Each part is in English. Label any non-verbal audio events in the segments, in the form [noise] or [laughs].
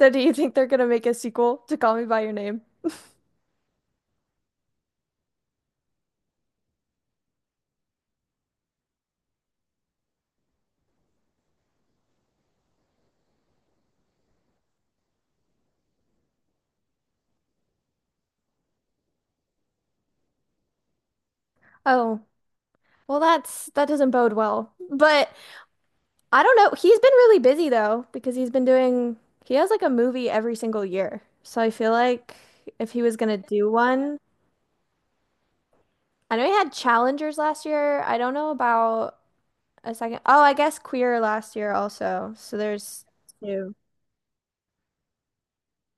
So do you think they're gonna make a sequel to Call Me by Your Name? Oh, well that doesn't bode well. But I don't know. He's been really busy though, because he's been doing he has like a movie every single year. So I feel like if he was gonna do one, I know he had Challengers last year. I don't know about a second. Oh, I guess Queer last year also. So there's two.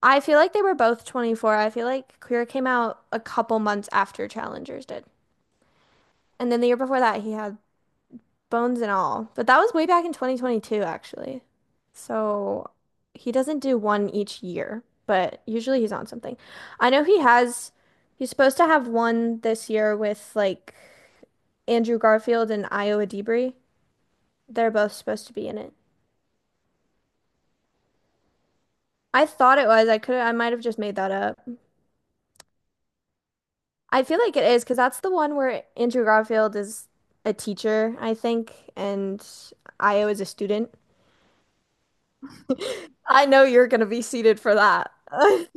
I feel like they were both 24. I feel like Queer came out a couple months after Challengers did. And then the year before that, he had Bones and All. But that was way back in 2022, actually. So he doesn't do one each year, but usually he's on something. I know he has, he's supposed to have one this year with like Andrew Garfield and Iowa Dibri. They're both supposed to be in it. I thought it was. I might have just made that up. I feel like it is because that's the one where Andrew Garfield is a teacher, I think, and Io is a student. [laughs] I know you're gonna be seated for that. [laughs]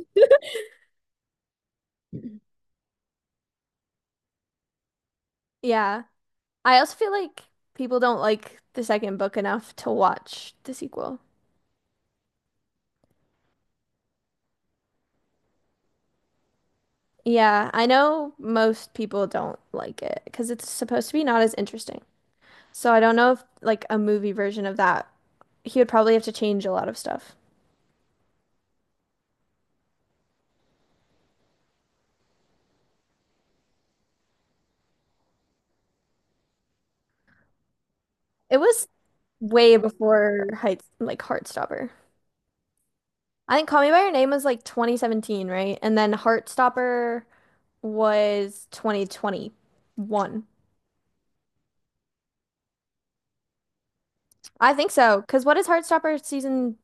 Yeah. I also feel like people don't like the second book enough to watch the sequel. Yeah, I know most people don't like it because it's supposed to be not as interesting. So I don't know if like a movie version of that, he would probably have to change a lot of stuff. It was way before Heights like Heartstopper. I think Call Me by Your Name was like 2017, right? And then Heartstopper was 2021. I think so, because what is Heartstopper season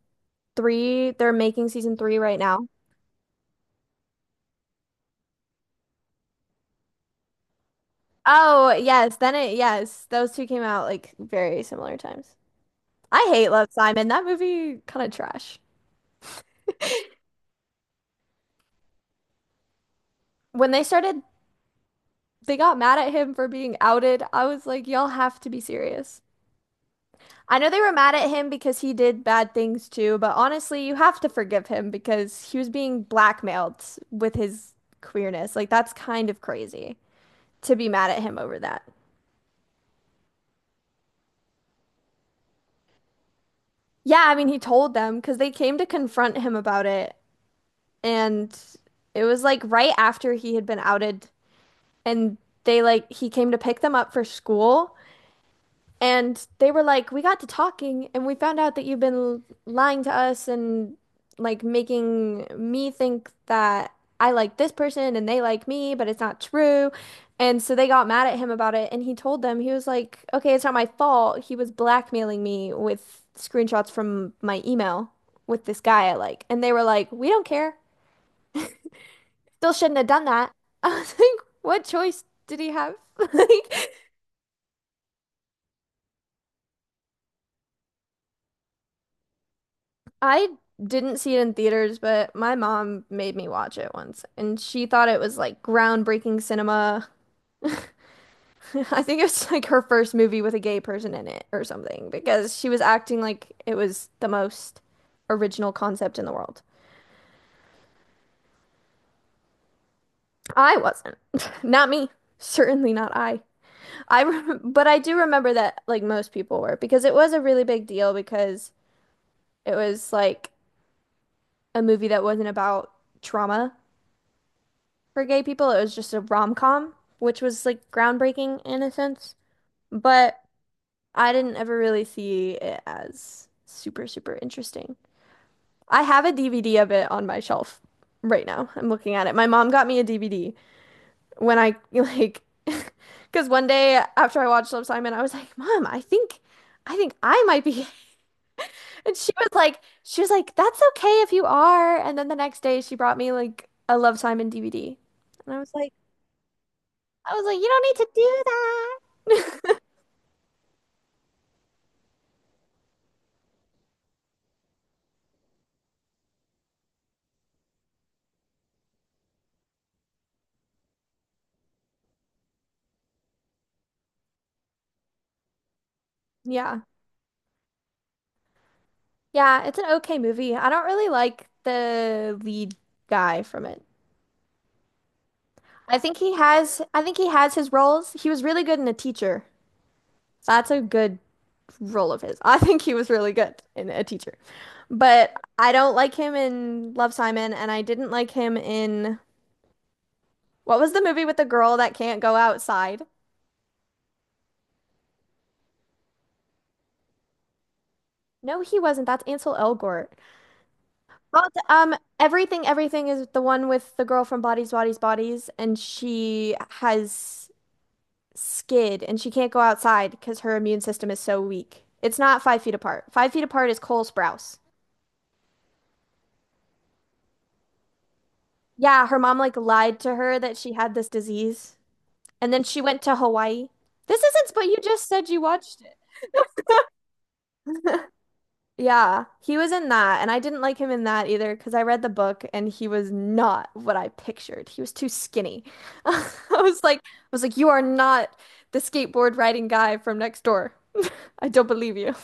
three. They're making season three right now. Oh, yes. Then yes. Those two came out like very similar times. I hate Love, Simon. That movie kind of trash. When they started, they got mad at him for being outed. I was like, y'all have to be serious. I know they were mad at him because he did bad things too, but honestly, you have to forgive him because he was being blackmailed with his queerness. Like, that's kind of crazy to be mad at him over that. Yeah, I mean, he told them because they came to confront him about it. And it was like right after he had been outed, and they like he came to pick them up for school, and they were like, we got to talking and we found out that you've been lying to us and like making me think that I like this person and they like me, but it's not true. And so they got mad at him about it, and he told them, he was like, okay, it's not my fault, he was blackmailing me with screenshots from my email with this guy I like, and they were like, we don't care. Still shouldn't have done that. [laughs] I was like, what choice did he have? [laughs] Like, I didn't see it in theaters, but my mom made me watch it once, and she thought it was like groundbreaking cinema. [laughs] I think it was like her first movie with a gay person in it or something because she was acting like it was the most original concept in the world. I wasn't. [laughs] Not me. Certainly not I. I [laughs] rem but I do remember that like most people were because it was a really big deal because it was like a movie that wasn't about trauma for gay people. It was just a rom-com, which was like groundbreaking in a sense. But I didn't ever really see it as super, super interesting. I have a DVD of it on my shelf right now. I'm looking at it. My mom got me a DVD when I like [laughs] because one day after I watched Love Simon, I was like, "Mom, I think I might be [laughs] And she was like, that's okay if you are. And then the next day she brought me like a Love Simon DVD. And I was like, you don't need to do that. Yeah. Yeah, it's an okay movie. I don't really like the lead guy from it. I think he has his roles. He was really good in A Teacher. That's a good role of his. [laughs] I think he was really good in A Teacher. But I don't like him in Love Simon and I didn't like him in What was the movie with the girl that can't go outside? No, he wasn't. That's Ansel Elgort. But Everything, Everything is the one with the girl from Bodies, Bodies, Bodies, and she has skid and she can't go outside because her immune system is so weak. It's not Five Feet Apart. Five Feet Apart is Cole Sprouse. Yeah, her mom like lied to her that she had this disease, and then she went to Hawaii. This isn't, but you just said you watched. Yeah, he was in that, and I didn't like him in that either because I read the book and he was not what I pictured. He was too skinny. [laughs] I I was like, you are not the skateboard riding guy from next door. I don't believe you.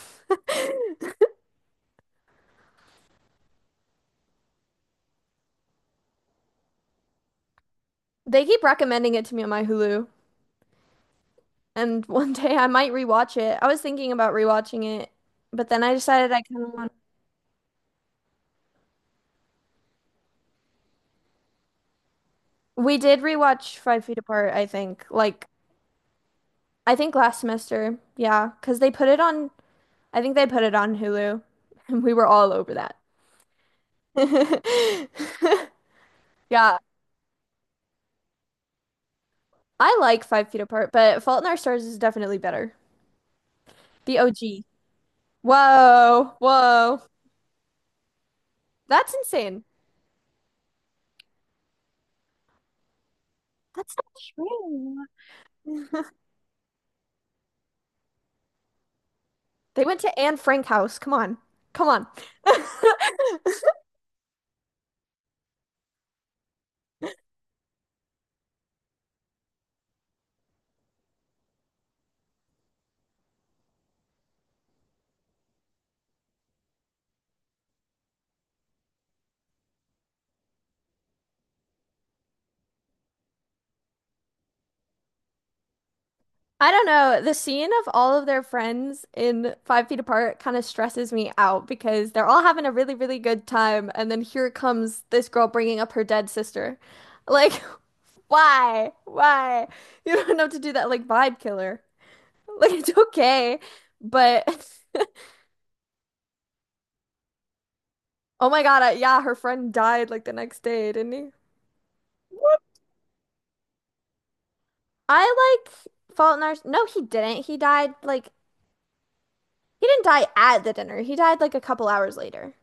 [laughs] They keep recommending it to me on my Hulu, and [laughs] one day I might rewatch it. I was thinking about rewatching it, but then I decided I kind of want. We did rewatch Five Feet Apart, I think. Like, I think last semester, yeah, because they put it on I think they put it on Hulu, [laughs] and we were all over that. [laughs] Yeah, I like Five Feet Apart, but Fault in Our Stars is definitely better. The OG. Whoa, whoa. That's insane. That's not true. [laughs] They went to Anne Frank house. Come on. Come on. [laughs] I don't know. The scene of all of their friends in Five Feet Apart kind of stresses me out because they're all having a really, really good time. And then here comes this girl bringing up her dead sister. Like, why? Why? You don't have to do that like vibe killer. [laughs] Like it's okay, but [laughs] oh my God, yeah, her friend died like the next day, didn't he? I like Fault in Our No, he didn't. He didn't die at the dinner. He died like a couple hours later.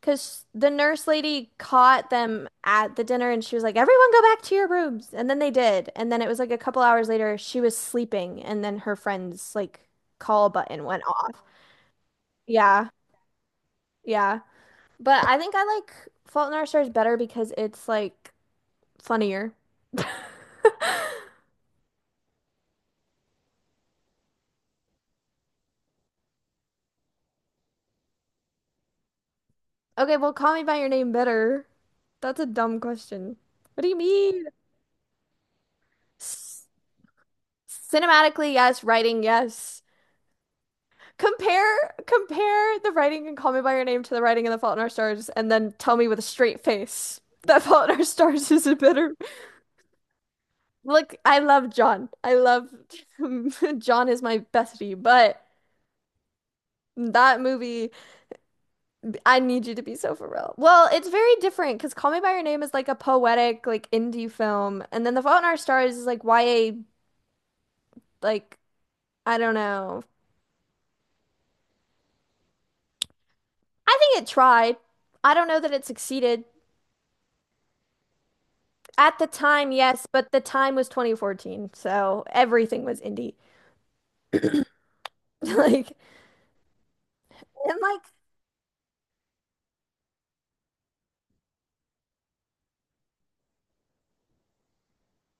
Because the nurse lady caught them at the dinner and she was like, everyone go back to your rooms. And then they did. And then it was like a couple hours later, she was sleeping. And then her friend's like call button went off. Yeah. Yeah. But I think I like Fault in Our Stars better because it's like funnier. [laughs] Okay, well, Call Me by Your Name better. That's a dumb question. What do you mean? S- Cinematically, yes. Writing, yes. Compare the writing in Call Me by Your Name to the writing in The Fault in Our Stars, and then tell me with a straight face that Fault in Our Stars is a better. [laughs] Look, I love John. I love [laughs] John is my bestie, but that movie. I need you to be so for real. Well, it's very different because Call Me by Your Name is like a poetic, like indie film, and then The Fault in Our Stars is like YA, like I don't know. I think it tried. I don't know that it succeeded at the time, yes, but the time was 2014, so everything was indie. [laughs] Like and like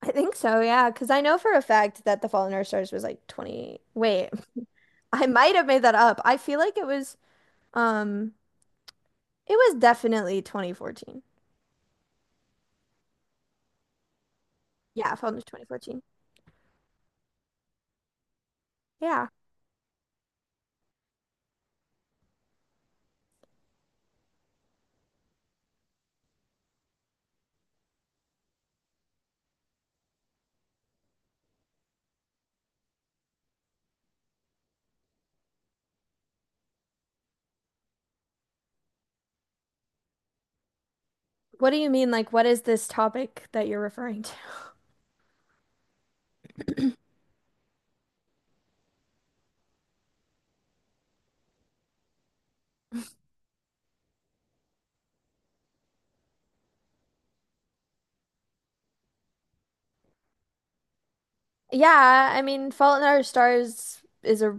I think so, yeah, because I know for a fact that The Fault in Our Stars was like 20. Wait, [laughs] I might have made that up. I feel like um, it was definitely 2014. Yeah, Fault in 2014. Yeah. What do you mean? Like, what is this topic that you're referring to? Yeah, I mean, Fault in Our Stars is a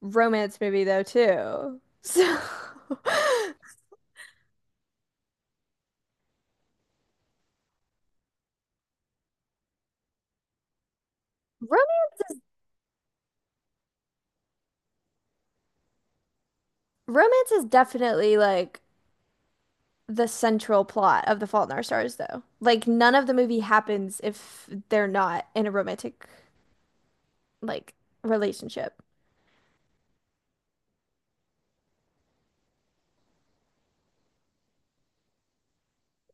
romance movie though too. So [laughs] romance is romance is definitely like the central plot of The Fault in Our Stars though. Like none of the movie happens if they're not in a romantic like relationship.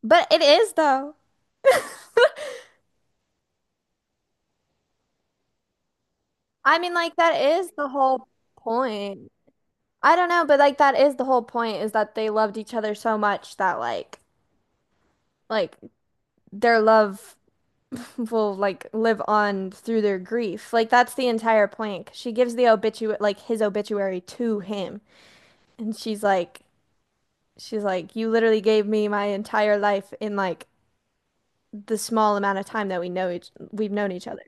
But it is though. I mean, like that is the whole point. I don't know, but like that is the whole point is that they loved each other so much that like their love [laughs] will like live on through their grief. Like that's the entire point. 'Cause she gives the obitu like his obituary to him, and she's like you literally gave me my entire life in like the small amount of time that we've known each other.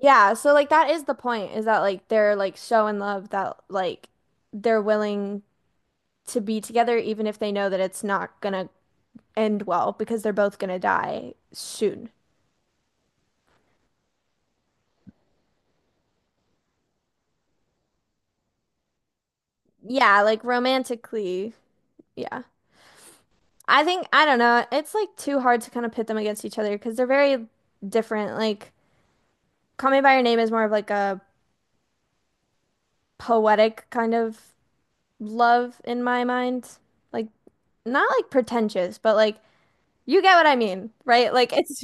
Yeah, so like that is the point is that like they're like so in love that like they're willing to be together even if they know that it's not gonna end well because they're both gonna die soon. Yeah, like romantically, yeah. I think I don't know. It's like too hard to kind of pit them against each other because they're very different. Like Call Me by Your Name is more of like a poetic kind of love in my mind. Like not like pretentious, but like you get what I mean, right? Like it's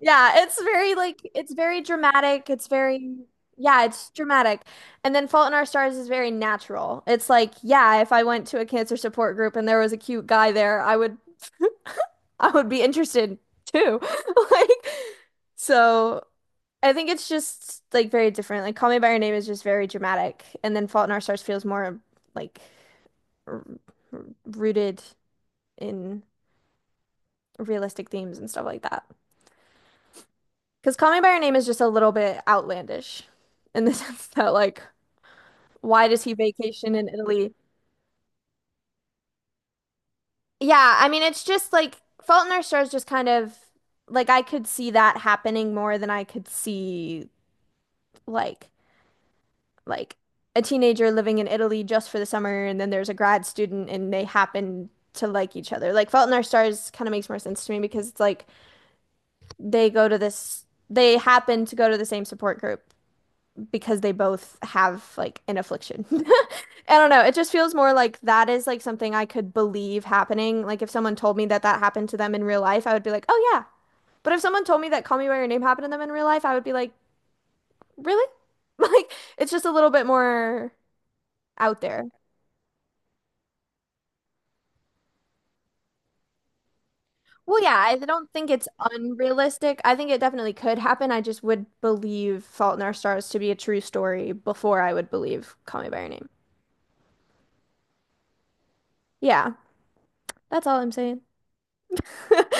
yeah, it's very like it's very dramatic. It's very yeah, it's dramatic. And then Fault in Our Stars is very natural. It's like, yeah, if I went to a cancer support group and there was a cute guy there, I would be interested too. [laughs] Like so I think it's just like very different. Like Call Me by Your Name is just very dramatic and then Fault in Our Stars feels more like r- rooted in realistic themes and stuff like that. Because Call Me by Your Name is just a little bit outlandish in the [laughs] sense that, like, why does he vacation in Italy? Yeah, I mean, it's just like Fault in Our Stars just kind of like I could see that happening more than I could see like like a teenager living in Italy just for the summer and then there's a grad student and they happen to like each other. Like Fault in Our Stars kind of makes more sense to me because it's like they go to this they happen to go to the same support group because they both have like an affliction. [laughs] I don't know. It just feels more like that is like something I could believe happening. Like if someone told me that that happened to them in real life, I would be like, "Oh yeah." But if someone told me that Call Me by Your Name happened to them in real life, I would be like, "Really?" [laughs] Like it's just a little bit more out there. Well, yeah, I don't think it's unrealistic. I think it definitely could happen. I just would believe Fault in Our Stars to be a true story before I would believe Call Me by Your Name. Yeah, that's all I'm saying. [laughs]